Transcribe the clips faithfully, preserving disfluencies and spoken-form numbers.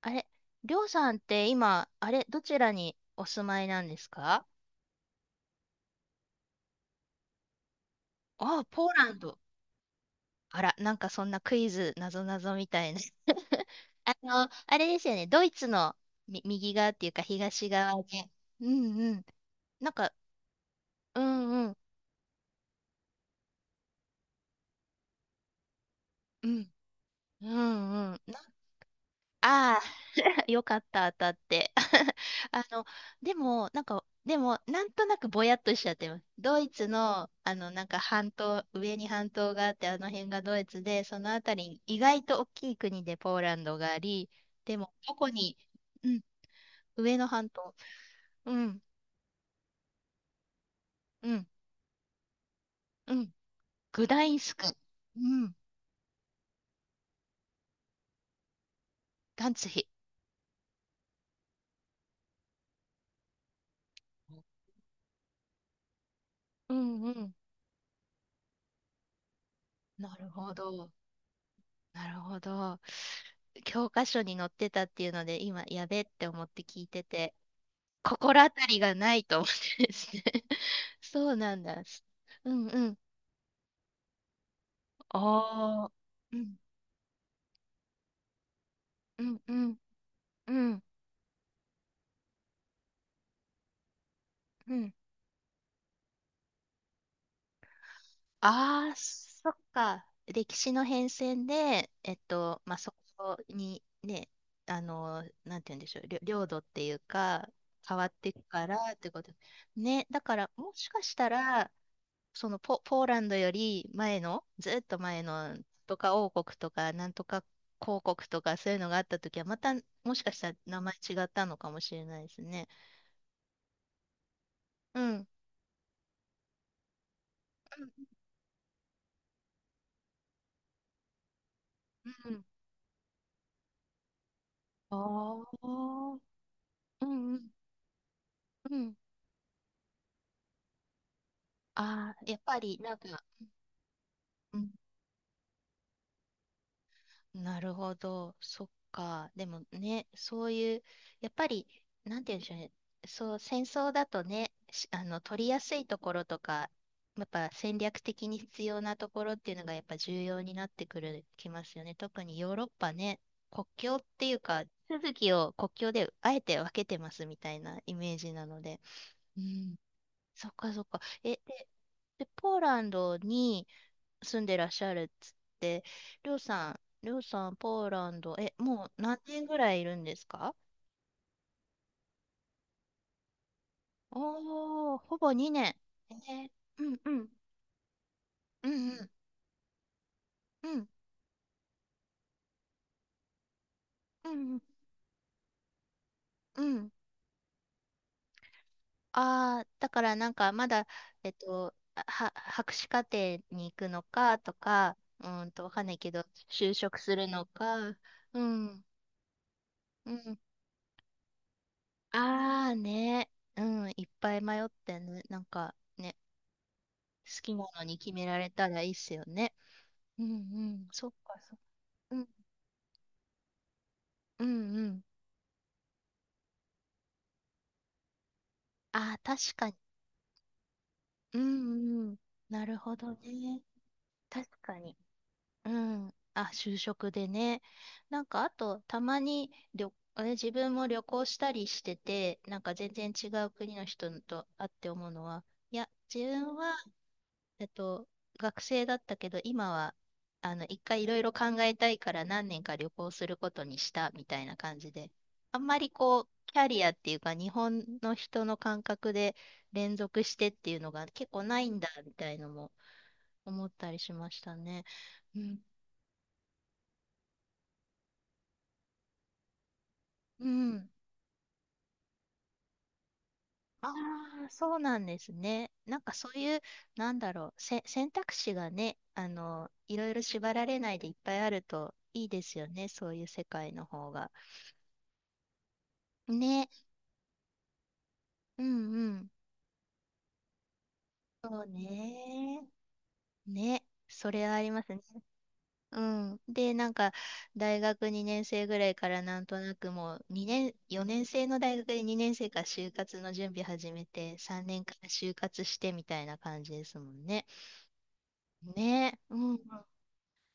あれ、りょうさんって今、あれ、どちらにお住まいなんですか？ああ、ポーランド。あら、なんかそんなクイズ、なぞなぞみたいな。あの、あれですよね、ドイツのみ右側っていうか東側で。うんうん。なんか、うんうん。うんうんうん。なああー。よかった、当たって。あの、でも、なんか、でも、なんとなくぼやっとしちゃってます。ドイツの、あの、なんか半島、上に半島があって、あの辺がドイツで、そのあたりに、意外と大きい国でポーランドがあり、でも、どこに、うん、上の半島、うん、うん、うん、グダインスク、うん、ダンツヒ。うんうん。なるほど。なるほど。教科書に載ってたっていうので、今、やべって思って聞いてて、心当たりがないと思ってですね。そうなんだ。うんうん。ああ。うんうんうんうんうん。ああ、そっか。歴史の変遷で、えっと、まあ、そこにね、あの、なんて言うんでしょう、りょ領土っていうか、変わっていくからってこと。ね、だから、もしかしたら、そのポ、ポーランドより前の、ずっと前のとか王国とか、なんとか公国とか、そういうのがあったときは、またもしかしたら名前違ったのかもしれないですね。うん。うん。うん。ああー、うんうんうん。ああ、やっぱりなんか、うん。なるほど。そっか。でもね、そういう、やっぱり、なんて言うんでしょうね。そう、戦争だとね、しあの、取りやすいところとか、やっぱ戦略的に必要なところっていうのがやっぱ重要になってくる、きますよね。特にヨーロッパね、国境っていうか、地続きを国境であえて分けてますみたいなイメージなので。うん。そっかそっか。え、で、でポーランドに、住んでらっしゃるっつって、りょうさん、りょうさん、ポーランド、え、もう何年ぐらいいるんですか？おー、ほぼにねん。えーうんうん、うんうん、うん、うん、うん。ああー、だからなんかまだ、えっと、あは、博士課程に行くのかとか、うーんと、わかんないけど、就職するのか、うん、うん。ああね、うん、いっぱい迷ってね、なんかね、好きなのに決められたらいいっすよね。うんうん。そっか、そっか。うんうんうん。ああ、確かに。うんうん。なるほどね。確かに。うん。あ、就職でね。なんか、あと、たまに旅、あれ自分も旅行したりしてて、なんか全然違う国の人と会って思うのは、いや、自分はえっと、学生だったけど、今は、あの、一回いろいろ考えたいから何年か旅行することにしたみたいな感じで、あんまりこう、キャリアっていうか、日本の人の感覚で連続してっていうのが結構ないんだみたいのも思ったりしましたね。うん。うん。ああ、そうなんですね。なんかそういう、なんだろう、せ、選択肢がね、あの、いろいろ縛られないでいっぱいあるといいですよね、そういう世界の方が。ね。うんうん。そうね。ね、それはありますね。うん。で、なんか、大学にねん生ぐらいからなんとなくもう、にねん、よねん生の大学でにねん生から就活の準備始めて、さんねんから就活してみたいな感じですもんね。ね、うんうん。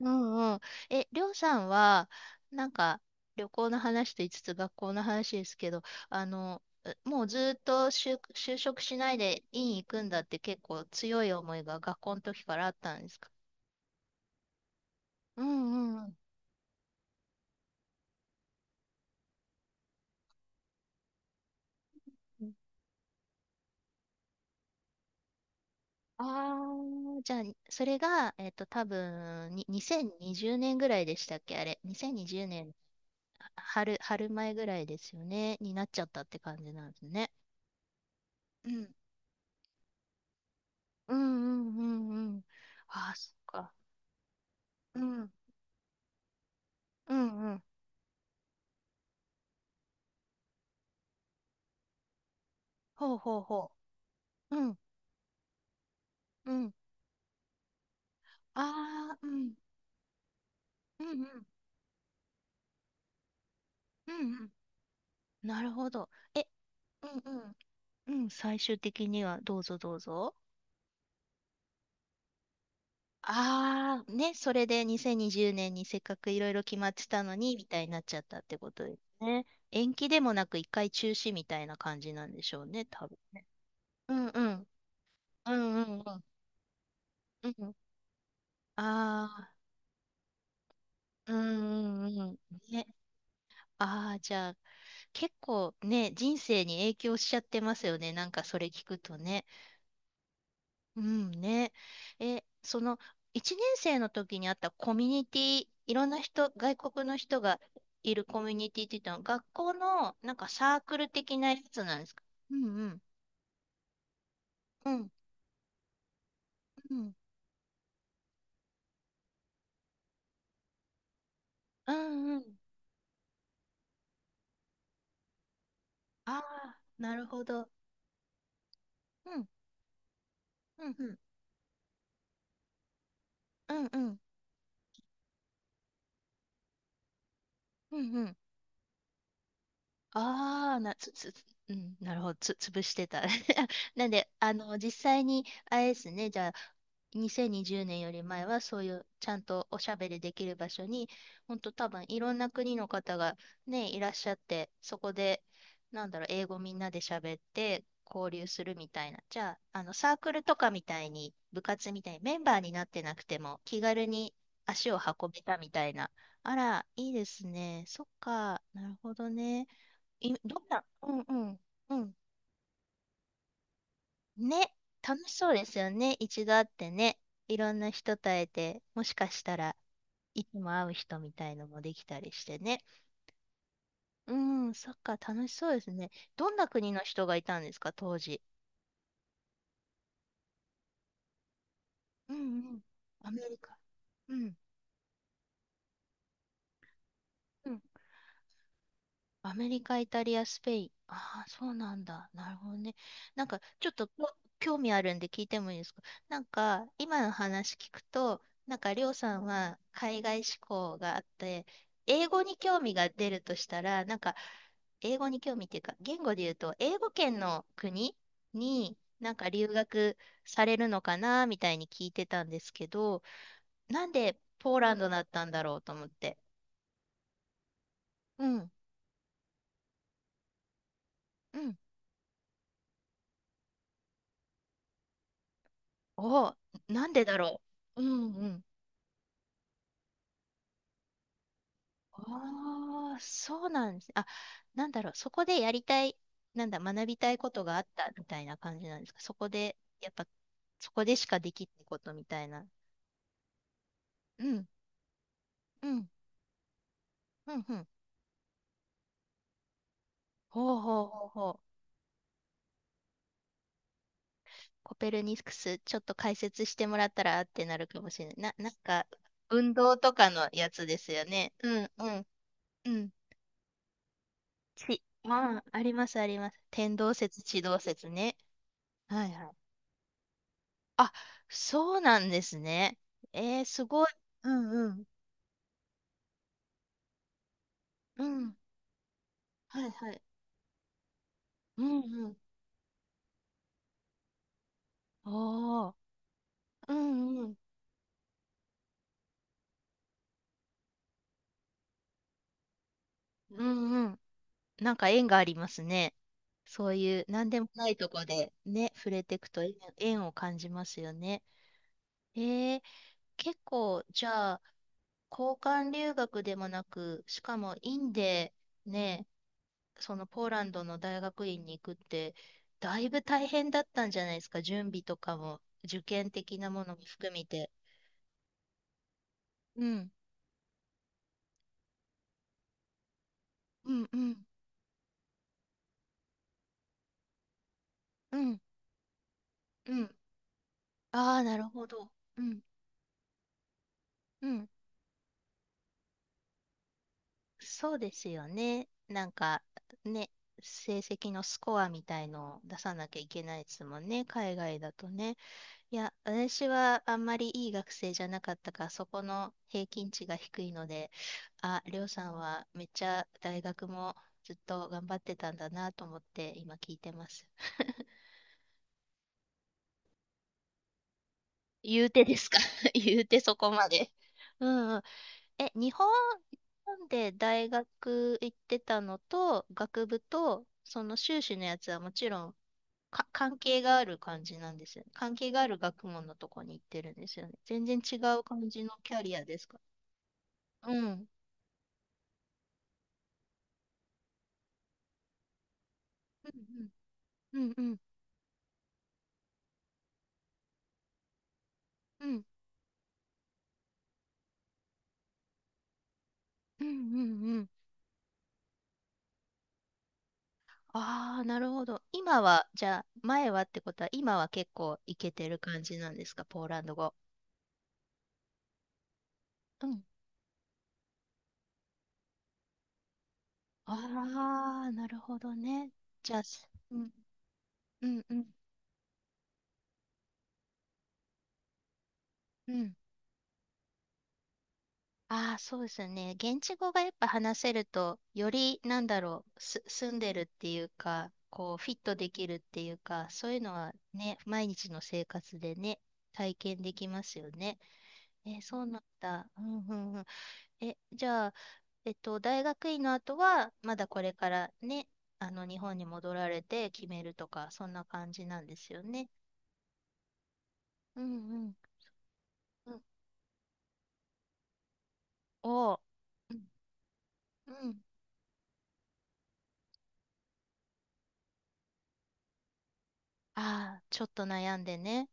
うんうん。え、りょうさんは、なんか、旅行の話と言いつつ学校の話ですけど、あの、うもうずっと就、就職しないで院行くんだって結構強い思いが学校の時からあったんですか？うんうんうん。ああ、じゃあ、それが、えっと、多分に、にせんにじゅうねんぐらいでしたっけあれ、にせんにじゅうねん、は春、春前ぐらいですよね、になっちゃったって感じなんですね。うん。うんうんうんうん。ああ、そっか。うん。うんうん。ほうほうほう。うんうん。ああ、うん。うんうん。うんうん。なるほど。え、うんうん。うん、最終的にはどうぞどうぞ。ああ、ね、それでにせんにじゅうねんにじゅうねんにせっかくいろいろ決まってたのに、みたいになっちゃったってことですね。延期でもなく一回中止みたいな感じなんでしょうね、多分ね。うんうん。うんうんうん。うん。ああ、うんうんうん。ね。ああ、じゃあ、結構ね、人生に影響しちゃってますよね。なんかそれ聞くとね。うんね。え、その、いちねん生の時にあったコミュニティ、いろんな人、外国の人がいるコミュニティって言ったの、学校のなんかサークル的なやつなんですか？うんうん。うん。うん。うんうん。ああ、なるほど。うん。うんうん。うんうん。うんうん。ああ、な、つ、つ、うん、なるほど。つ、潰してた。なんで、あの、実際に、あれですね、じゃあにせんにじゅうねんより前はそういうちゃんとおしゃべりできる場所に、本当多分いろんな国の方がね、いらっしゃって、そこで、なんだろう、英語みんなで喋って交流するみたいな。じゃあ、あのサークルとかみたいに、部活みたいにメンバーになってなくても気軽に足を運べたみたいな。あら、いいですね。そっか、なるほどね。い、どんな、うんうん、うん。ね、楽しそうですよね。一度会ってね、いろんな人と会えて、もしかしたらいつも会う人みたいのもできたりしてね。うん、そっか、楽しそうですね。どんな国の人がいたんですか、当時。うんうん。アメリカ。うん。うん。アメリカ、イタリア、スペイン。ああ、そうなんだ。なるほどね。なんか、ちょっとこ興味あるんで聞いてもいいですか？なんか、今の話聞くと、なんか、りょうさんは海外志向があって、英語に興味が出るとしたら、なんか、英語に興味っていうか、言語で言うと、英語圏の国になんか留学されるのかな、みたいに聞いてたんですけど、なんでポーランドだったんだろうと思って。うん、うん。お、なんでだろう。うんうん。ああ、そうなんです。あ、なんだろう。そこでやりたい、なんだ、学びたいことがあったみたいな感じなんですか。そこで、やっぱ、そこでしかできないことみたいな。うん、うん、うん、うん。ほうほうほうほう。コペルニクス、ちょっと解説してもらったらあってなるかもしれない。な、なんか、運動とかのやつですよね。うん、うん、うん。ち、ああ、あります、あります。天動説、地動説ね。はいはい。あ、そうなんですね。えー、すごい。うんうん。うん。はいはい。うんうん。おー。うんうん。うんうん。なんか縁がありますね。そういう何でもないとこでね、触れていくと縁縁を感じますよね。えー、結構、じゃあ、交換留学でもなく、しかもインでね、そのポーランドの大学院に行くって、だいぶ大変だったんじゃないですか、準備とかも、受験的なものも含めて。うん、うん、うん、うん、うん。ああ、なるほど。うん、うん。そうですよね。なんか、ね、成績のスコアみたいのを出さなきゃいけないですもんね、海外だとね。いや、私はあんまりいい学生じゃなかったから、そこの平均値が低いので、あ、りょうさんはめっちゃ大学もずっと頑張ってたんだなと思って今聞いてます。言うてですか？ 言うてそこまで。うんうん。え、日本、日本で大学行ってたのと、学部と、その修士のやつはもちろんか関係がある感じなんですよね。関係がある学問のとこに行ってるんですよね。全然違う感じのキャリアですか？うん。うんうんうんうんうんうんうんうんうん。ああ、なるほど。今は、じゃあ、前はってことは、今は結構いけてる感じなんですか、ポーランド語。うん。ああ、なるほどね。じゃあ、すうん、うん、うん、うん。ああ、そうですよね。現地語がやっぱ話せると、より、なんだろう、す、住んでるっていうか、こう、フィットできるっていうか、そういうのはね、毎日の生活でね、体験できますよね。えーそうなんだ。うん、うん、うん。え、じゃあ、えっと、大学院の後は、まだこれからね、あの、日本に戻られて決めるとか、そんな感じなんですよね。うんうん。うん、おーうん。うん。ああ、ちょっと悩んでね。